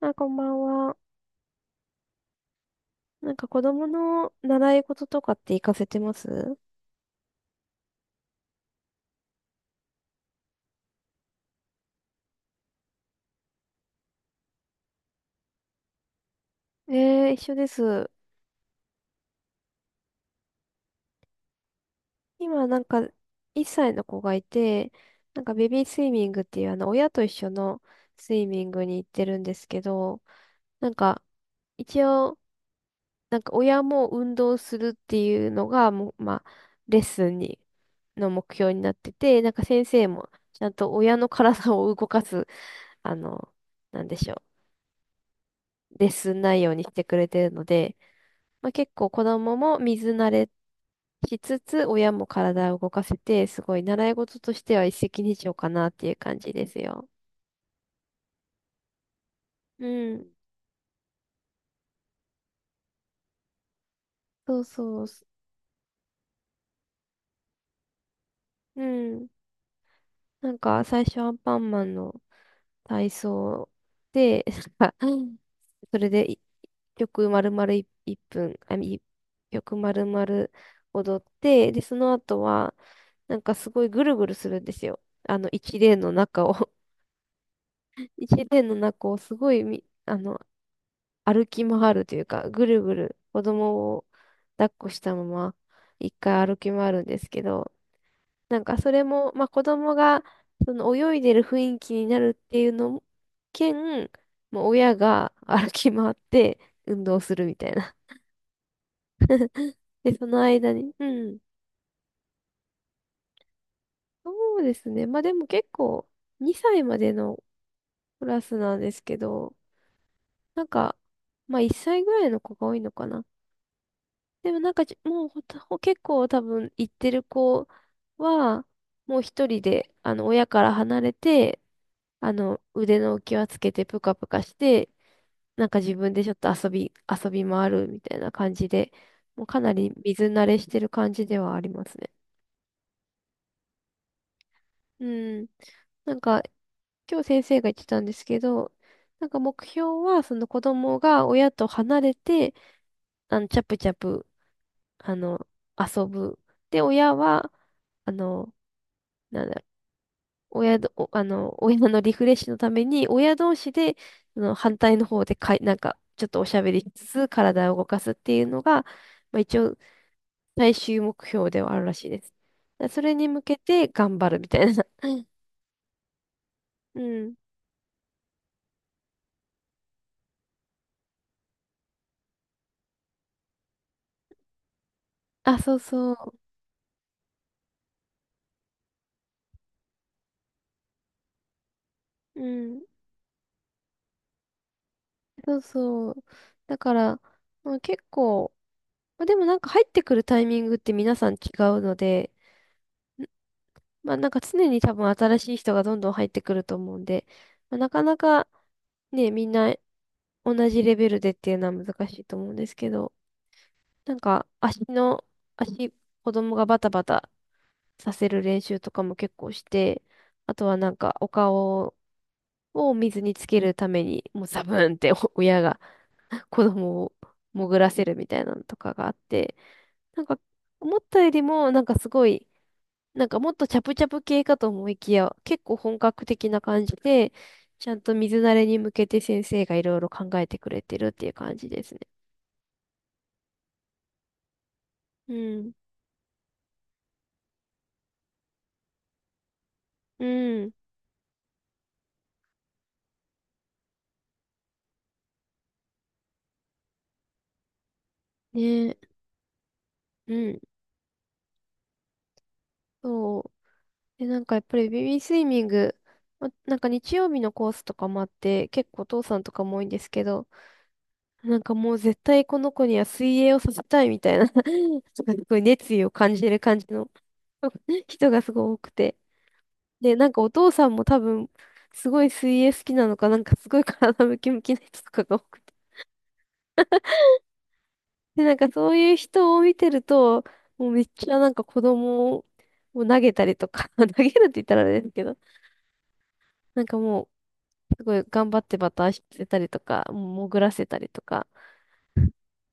あ、こんばんは。なんか子供の習い事とかって行かせてます？一緒です。今なんか1歳の子がいて、なんかベビースイミングっていうあの親と一緒のスイミングに行ってるんですけど、なんか一応なんか親も運動するっていうのがもう、まあ、レッスンにの目標になってて、なんか先生もちゃんと親の体を動かす、あの、なんでしょう、レッスン内容にしてくれてるので、まあ、結構子供も水慣れしつつ、親も体を動かせて、すごい習い事としては一石二鳥かなっていう感じですよ。うん。そうそう。うん。なんか最初アンパンマンの体操で、なんかそれでい曲丸々い1分、あ、い曲丸々踊って、で、その後は、なんかすごいぐるぐるするんですよ。あの一連の中を一年の中をすごいあの、歩き回るというか、ぐるぐる子供を抱っこしたまま、一回歩き回るんですけど、なんかそれも、まあ子供がその泳いでる雰囲気になるっていうのも兼、もう親が歩き回って運動するみたいな。で、その間に、うん。そうですね。まあでも結構、2歳までのクラスなんですけど、なんか、まあ1歳ぐらいの子が多いのかな。でもなんかじ、もうほたほ結構多分行ってる子は、もう一人で、あの、親から離れて、あの、腕の浮き輪つけてぷかぷかして、なんか自分でちょっと遊び回るみたいな感じで、もうかなり水慣れしてる感じではありますね。うん。なんか、今日先生が言ってたんですけど、なんか目標は、その子供が親と離れて、あの、チャプチャプ、あの、遊ぶ。で、親は、あの、なんだ、親ど、おあの、親のリフレッシュのために、親同士で、その反対の方でなんか、ちょっとおしゃべりしつつ、体を動かすっていうのが、まあ、一応、最終目標ではあるらしいです。だそれに向けて頑張るみたいな。うん。あ、そうそう。うん。そうそう。だから、まあ、結構、まあ、でもなんか入ってくるタイミングって皆さん違うので、まあなんか常に多分新しい人がどんどん入ってくると思うんで、まあ、なかなかね、みんな同じレベルでっていうのは難しいと思うんですけど、なんか足、子供がバタバタさせる練習とかも結構して、あとはなんかお顔を水につけるために、もうザブーンってお親が 子供を潜らせるみたいなのとかがあって、なんか思ったよりもなんかすごい、なんかもっとチャプチャプ系かと思いきや、結構本格的な感じで、ちゃんと水慣れに向けて先生がいろいろ考えてくれてるっていう感じですね。うん。うん。ね、うん。そう。で、なんかやっぱりベビースイミング、まなんか日曜日のコースとかもあって、結構お父さんとかも多いんですけど、なんかもう絶対この子には水泳をさせたいみたいな、 なんか すごい熱意を感じる感じの 人がすごい多くて。で、なんかお父さんも多分、すごい水泳好きなのか、なんかすごい体ムキムキな人とかが多くて、で、なんかそういう人を見てると、もうめっちゃなんか子供を投げたりとか、投げるって言ったらあれですけど、なんかもう、すごい頑張ってバターしてせたりとか、もう潜らせたりとか、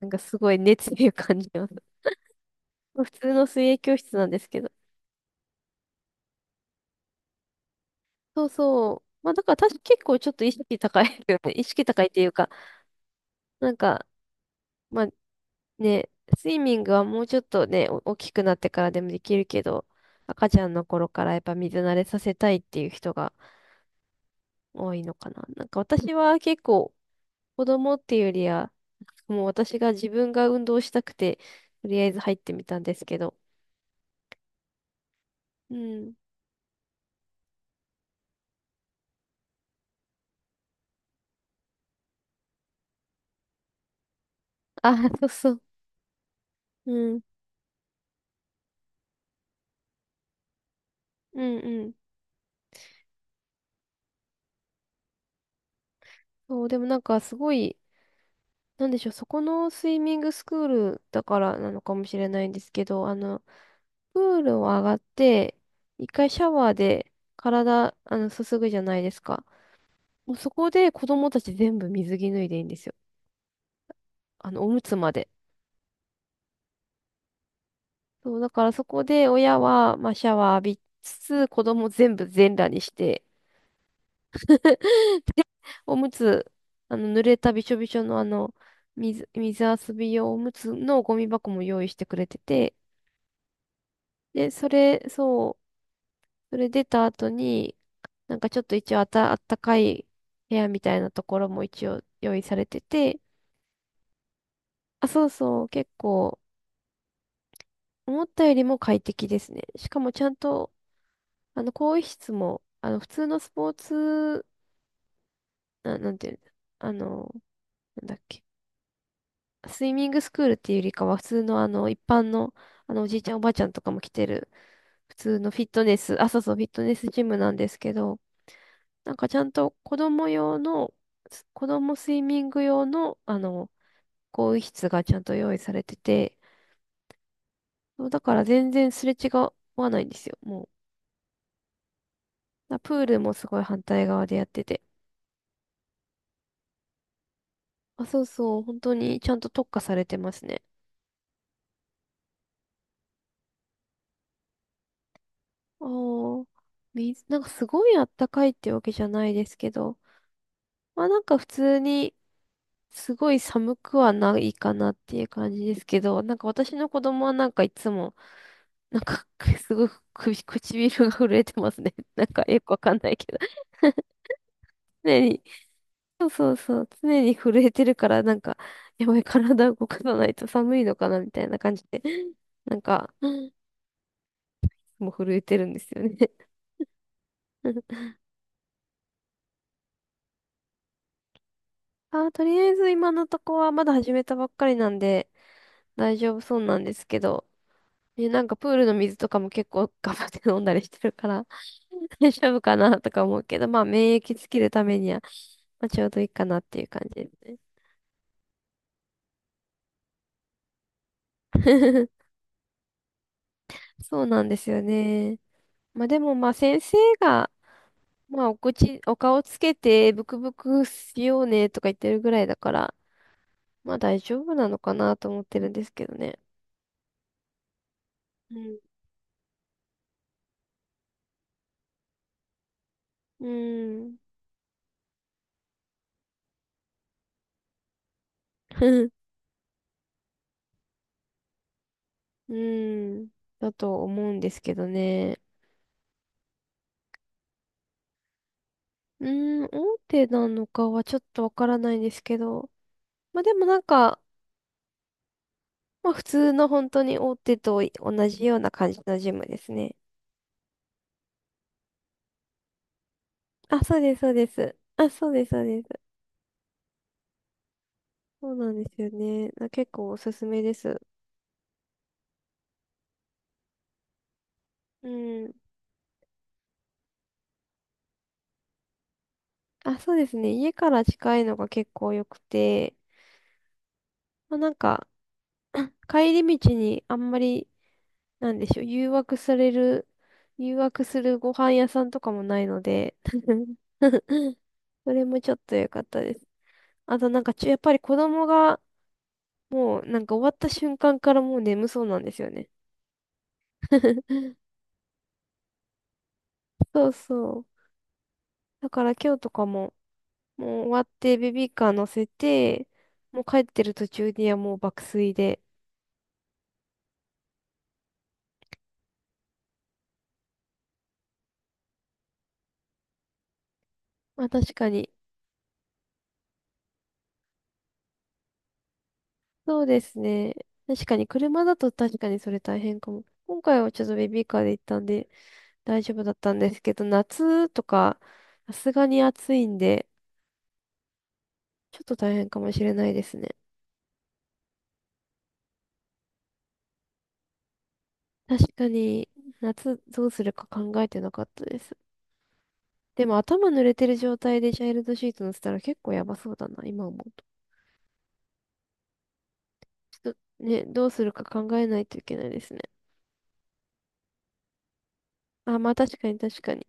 なんかすごい熱意を感じます。まあ普通の水泳教室なんですけど。そうそう。まあだから確か結構ちょっと意識高いよね。意識高いっていうか、なんか、まあね、スイミングはもうちょっとね、お大きくなってからでもできるけど、赤ちゃんの頃からやっぱ水慣れさせたいっていう人が多いのかな。なんか私は結構子供っていうよりは、もう私が自分が運動したくて、とりあえず入ってみたんですけど。うん。あ、そうそう。うん。うんうん。そう、でもなんかすごい、なんでしょう、そこのスイミングスクールだからなのかもしれないんですけど、あの、プールを上がって、一回シャワーで体、あの、すすぐじゃないですか。もうそこで子供たち全部水着脱いでいいんですよ。あの、おむつまで。そう、だからそこで親は、まあ、シャワー浴びつつ、子供全部全裸にして、でおむつ、あの、濡れたびしょびしょのあの、水遊び用おむつのゴミ箱も用意してくれてて、で、それ出た後に、なんかちょっと一応あったかい部屋みたいなところも一応用意されてて、あ、そうそう、結構、思ったよりも快適ですね。しかもちゃんと、あの、更衣室も、あの、普通のスポーツなんていうんだ、あの、なんだっけ。スイミングスクールっていうよりかは、普通のあの、一般の、あの、おじいちゃんおばあちゃんとかも来てる、普通のフィットネス、あ、そうそう、フィットネスジムなんですけど、なんかちゃんと子供用の、子供スイミング用の、あの、更衣室がちゃんと用意されてて、そうだから全然すれ違わないんですよ、もう。だプールもすごい反対側でやってて。あ、そうそう、本当にちゃんと特化されてますね。おー、水、なんかすごいあったかいってわけじゃないですけど、まあなんか普通にすごい寒くはないかなっていう感じですけど、なんか私の子供はなんかいつも、なんか すごく首唇が震えてますね。なんかよくわかんないけど。常に、そうそうそう、常に震えてるから、なんか、やばい、体を動かさないと寒いのかなみたいな感じで、なんか、もう震えてるんですよね。あ、とりあえず今のとこはまだ始めたばっかりなんで大丈夫そうなんですけど、ね、なんかプールの水とかも結構頑張って飲んだりしてるから、 大丈夫かなとか思うけど、まあ免疫つけるためには、まあ、ちょうどいいかなっていう感じですね。そうなんですよね。まあでもまあ先生が、まあお口、お顔つけてブクブクしようねとか言ってるぐらいだから、まあ大丈夫なのかなと思ってるんですけどね。うん。うん。うん。だと思うんですけどね。うん、大手なのかはちょっとわからないんですけど。まあでもなんか、まあ普通の本当に大手と同じような感じのジムですね。あ、そうです、そうです。あ、そうです、そうです。そうなんですよね。な結構おすすめです。うん。あ、そうですね。家から近いのが結構良くて、まあなんか、帰り道にあんまりなんでしょう、誘惑するご飯屋さんとかもないので、それもちょっと良かったです。あとなんかやっぱり子供が、もうなんか終わった瞬間からもう眠そうなんですよね。そうそう。だから今日とかも、もう終わってベビーカー乗せて、もう帰ってる途中にはもう爆睡で。まあ確かに、そうですね。確かに車だと確かにそれ大変かも。今回はちょっとベビーカーで行ったんで、大丈夫だったんですけど、夏とか、さすがに暑いんで、ちょっと大変かもしれないですね。確かに、夏どうするか考えてなかったです。でも頭濡れてる状態でチャイルドシート乗せたら結構やばそうだな、今思うと。ちょっとね、どうするか考えないといけないですね。あ、まあ確かに確かに。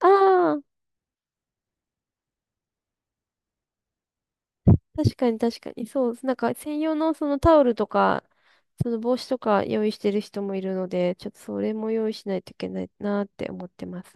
ああ、確かに確かに。そう、なんか専用のそのタオルとか、その帽子とか用意してる人もいるので、ちょっとそれも用意しないといけないなーって思ってます。